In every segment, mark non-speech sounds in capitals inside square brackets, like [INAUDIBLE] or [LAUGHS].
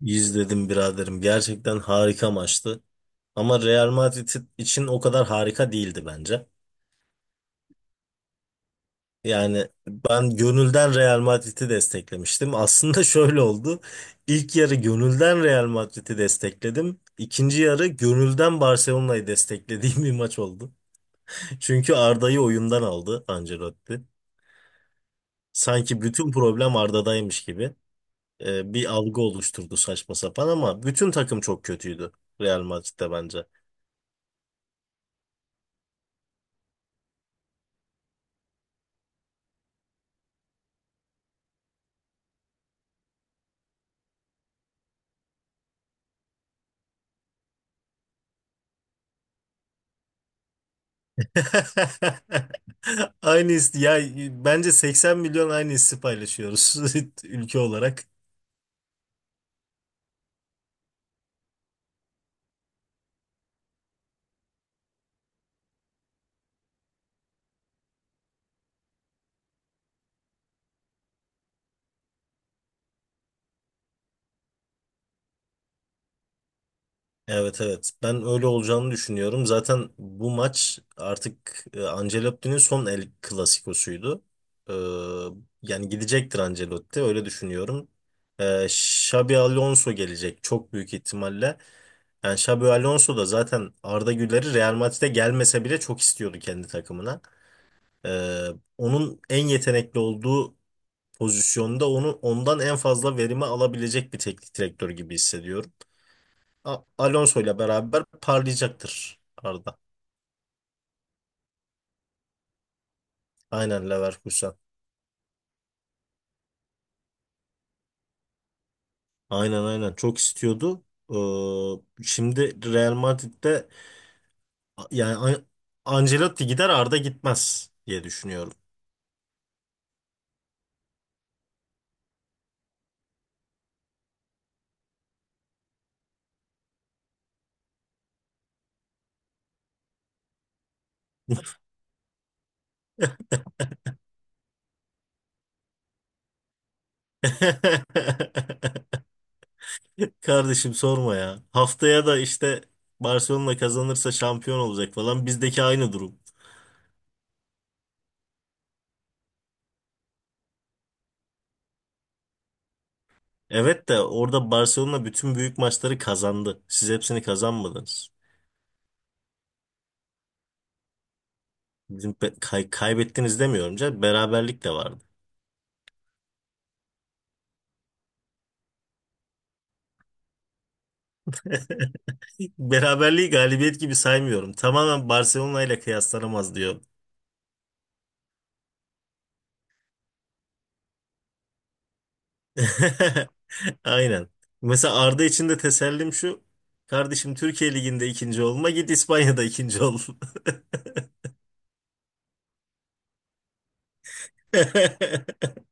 İzledim biraderim. Gerçekten harika maçtı. Ama Real Madrid için o kadar harika değildi bence. Yani ben gönülden Real Madrid'i desteklemiştim. Aslında [LAUGHS] şöyle oldu. İlk yarı gönülden Real Madrid'i destekledim. İkinci yarı gönülden Barcelona'yı desteklediğim bir maç oldu. Çünkü Arda'yı oyundan aldı Ancelotti. Sanki bütün problem Arda'daymış gibi. Bir algı oluşturdu saçma sapan, ama bütün takım çok kötüydü Real Madrid'de bence. [LAUGHS] Aynı his ya, bence 80 milyon aynı hissi paylaşıyoruz [LAUGHS] ülke olarak. Evet, evet, ben öyle olacağını düşünüyorum. Zaten bu maç artık Ancelotti'nin son El Clasico'suydu. Ee, Yani gidecektir Ancelotti, öyle düşünüyorum. Xabi Alonso gelecek çok büyük ihtimalle. Yani Xabi Alonso da zaten Arda Güler'i, Real Madrid'e gelmese bile, çok istiyordu kendi takımına. Ee, Onun en yetenekli olduğu pozisyonda, onu ondan en fazla verimi alabilecek bir teknik direktör gibi hissediyorum. Alonso ile beraber parlayacaktır Arda. Aynen, Leverkusen. Aynen aynen, çok istiyordu. Şimdi Real Madrid'de, yani An- Ancelotti gider, Arda gitmez diye düşünüyorum. [LAUGHS] Kardeşim sorma ya. Haftaya da işte Barcelona kazanırsa şampiyon olacak falan. Bizdeki aynı durum. Evet, de orada Barcelona bütün büyük maçları kazandı. Siz hepsini kazanmadınız. Kaybettiniz demiyorum canım. Beraberlik de vardı. [LAUGHS] Beraberliği galibiyet gibi saymıyorum. Tamamen Barcelona ile kıyaslanamaz diyor. [LAUGHS] Aynen. Mesela Arda için de tesellim şu. Kardeşim, Türkiye Ligi'nde ikinci olma, git İspanya'da ikinci ol. [LAUGHS]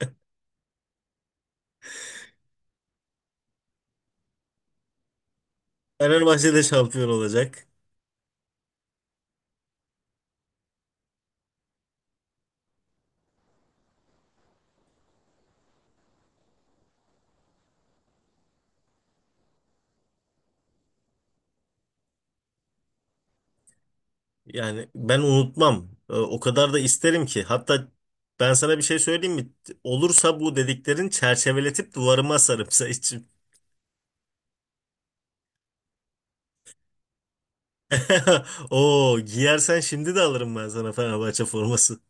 Fenerbahçe de şampiyon olacak. Yani ben unutmam. O kadar da isterim ki. Hatta ben sana bir şey söyleyeyim mi? Olursa bu dediklerin çerçeveletip duvarıma asarım sen için. [LAUGHS] Oo, giyersen şimdi de alırım ben sana Fenerbahçe forması.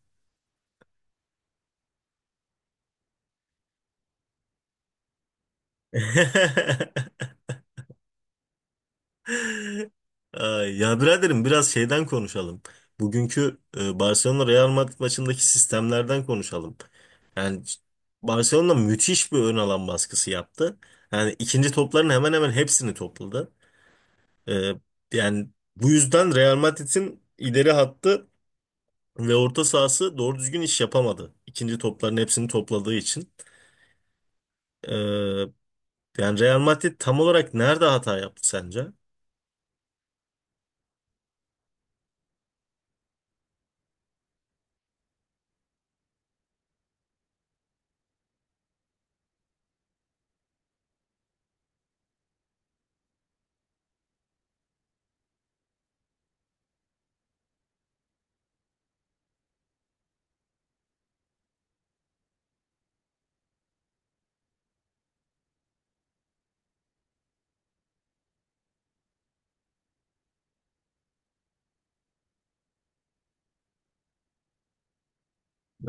[LAUGHS] Ay, ya biraderim, biraz şeyden konuşalım. Bugünkü Barcelona Real Madrid maçındaki sistemlerden konuşalım. Yani Barcelona müthiş bir ön alan baskısı yaptı. Yani ikinci topların hemen hemen hepsini topladı. Ee, Yani bu yüzden Real Madrid'in ileri hattı ve orta sahası doğru düzgün iş yapamadı. İkinci topların hepsini topladığı için. Ee, Yani Real Madrid tam olarak nerede hata yaptı sence?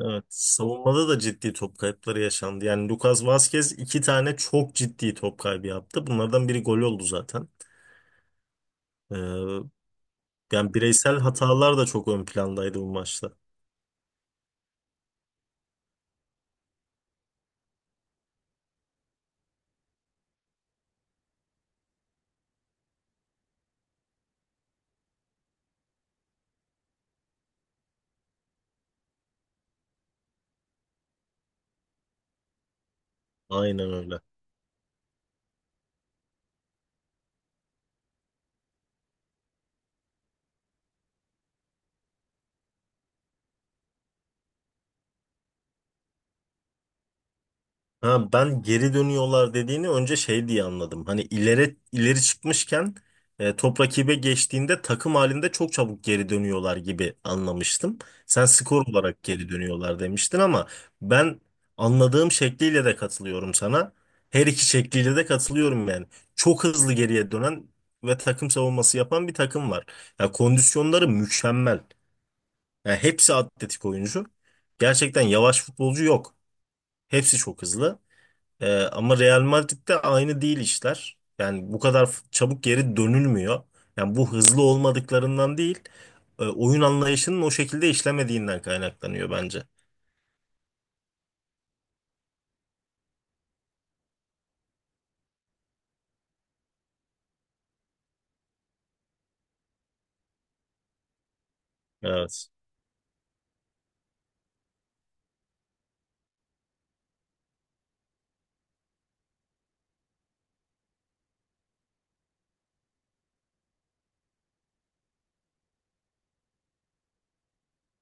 Evet, savunmada da ciddi top kayıpları yaşandı. Yani Lucas Vazquez iki tane çok ciddi top kaybı yaptı. Bunlardan biri gol oldu zaten. Ee, Yani bireysel hatalar da çok ön plandaydı bu maçta. Aynen öyle. Ha, ben geri dönüyorlar dediğini önce şey diye anladım. Hani ileri ileri çıkmışken top rakibe geçtiğinde takım halinde çok çabuk geri dönüyorlar gibi anlamıştım. Sen skor olarak geri dönüyorlar demiştin, ama ben anladığım şekliyle de katılıyorum sana. Her iki şekliyle de katılıyorum yani. Çok hızlı geriye dönen ve takım savunması yapan bir takım var. Ya, kondisyonları mükemmel. Ya, hepsi atletik oyuncu. Gerçekten yavaş futbolcu yok. Hepsi çok hızlı. Ama Real Madrid'de aynı değil işler. Yani bu kadar çabuk geri dönülmüyor. Yani bu hızlı olmadıklarından değil, oyun anlayışının o şekilde işlemediğinden kaynaklanıyor bence. Evet.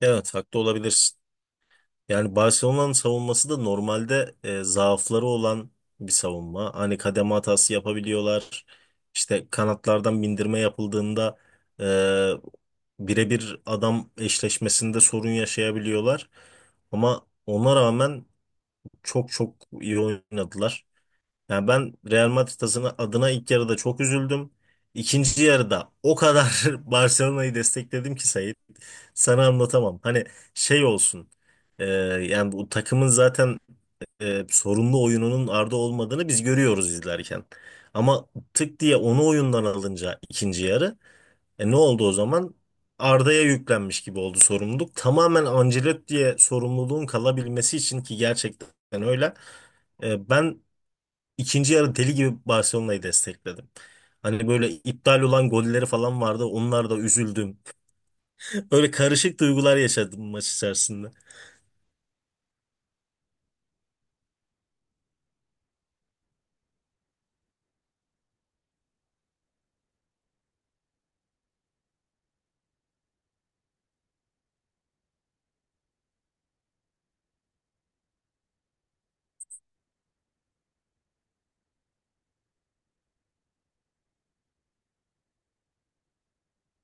Evet, haklı olabilirsin. Yani Barcelona'nın savunması da normalde zaafları olan bir savunma. Hani kademe hatası yapabiliyorlar. İşte kanatlardan bindirme yapıldığında, e, birebir adam eşleşmesinde sorun yaşayabiliyorlar. Ama ona rağmen çok çok iyi oynadılar. Yani ben Real Madrid adına ilk yarıda çok üzüldüm. İkinci yarıda o kadar [LAUGHS] Barcelona'yı destekledim ki Sait. Sana anlatamam. Hani şey olsun. Yani bu takımın zaten sorunlu oyununun Arda olmadığını biz görüyoruz izlerken. Ama tık diye onu oyundan alınca, ikinci yarı ne oldu o zaman? Arda'ya yüklenmiş gibi oldu sorumluluk. Tamamen Ancelotti'ye sorumluluğun kalabilmesi için, ki gerçekten öyle. Ben ikinci yarı deli gibi Barcelona'yı destekledim. Hani böyle iptal olan golleri falan vardı. Onlar da üzüldüm. [LAUGHS] Öyle karışık duygular yaşadım maç içerisinde.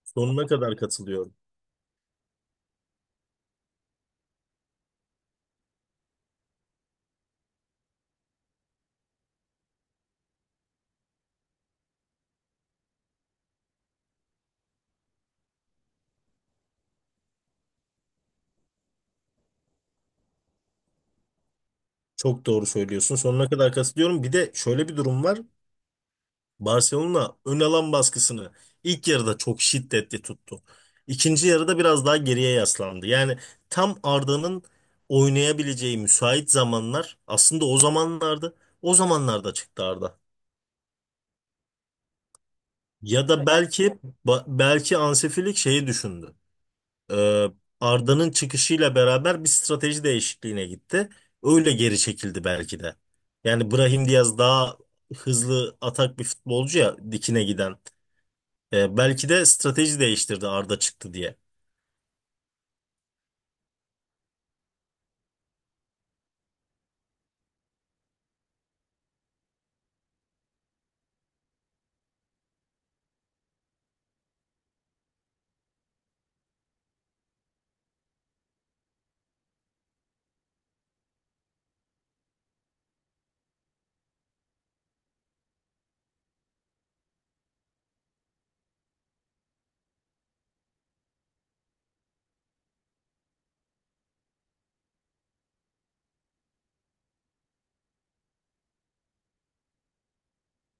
Sonuna kadar katılıyorum. Çok doğru söylüyorsun. Sonuna kadar katılıyorum. Bir de şöyle bir durum var. Barcelona ön alan baskısını ilk yarıda çok şiddetli tuttu. İkinci yarıda biraz daha geriye yaslandı. Yani tam Arda'nın oynayabileceği müsait zamanlar aslında o zamanlarda çıktı Arda. Ya da belki belki Hansi Flick şeyi düşündü. Ee, Arda'nın çıkışıyla beraber bir strateji değişikliğine gitti. Öyle geri çekildi belki de. Yani Brahim Diaz daha hızlı atak bir futbolcu, ya dikine giden. E, belki de strateji değiştirdi Arda çıktı diye.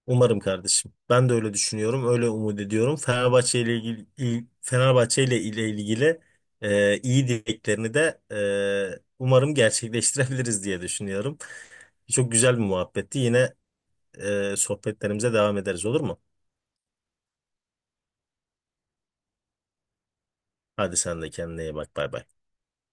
Umarım kardeşim. Ben de öyle düşünüyorum, öyle umut ediyorum. Fenerbahçe ile ilgili iyi dileklerini de umarım gerçekleştirebiliriz diye düşünüyorum. Çok güzel bir muhabbetti. Yine sohbetlerimize devam ederiz, olur mu? Hadi sen de kendine iyi bak. Bay bay.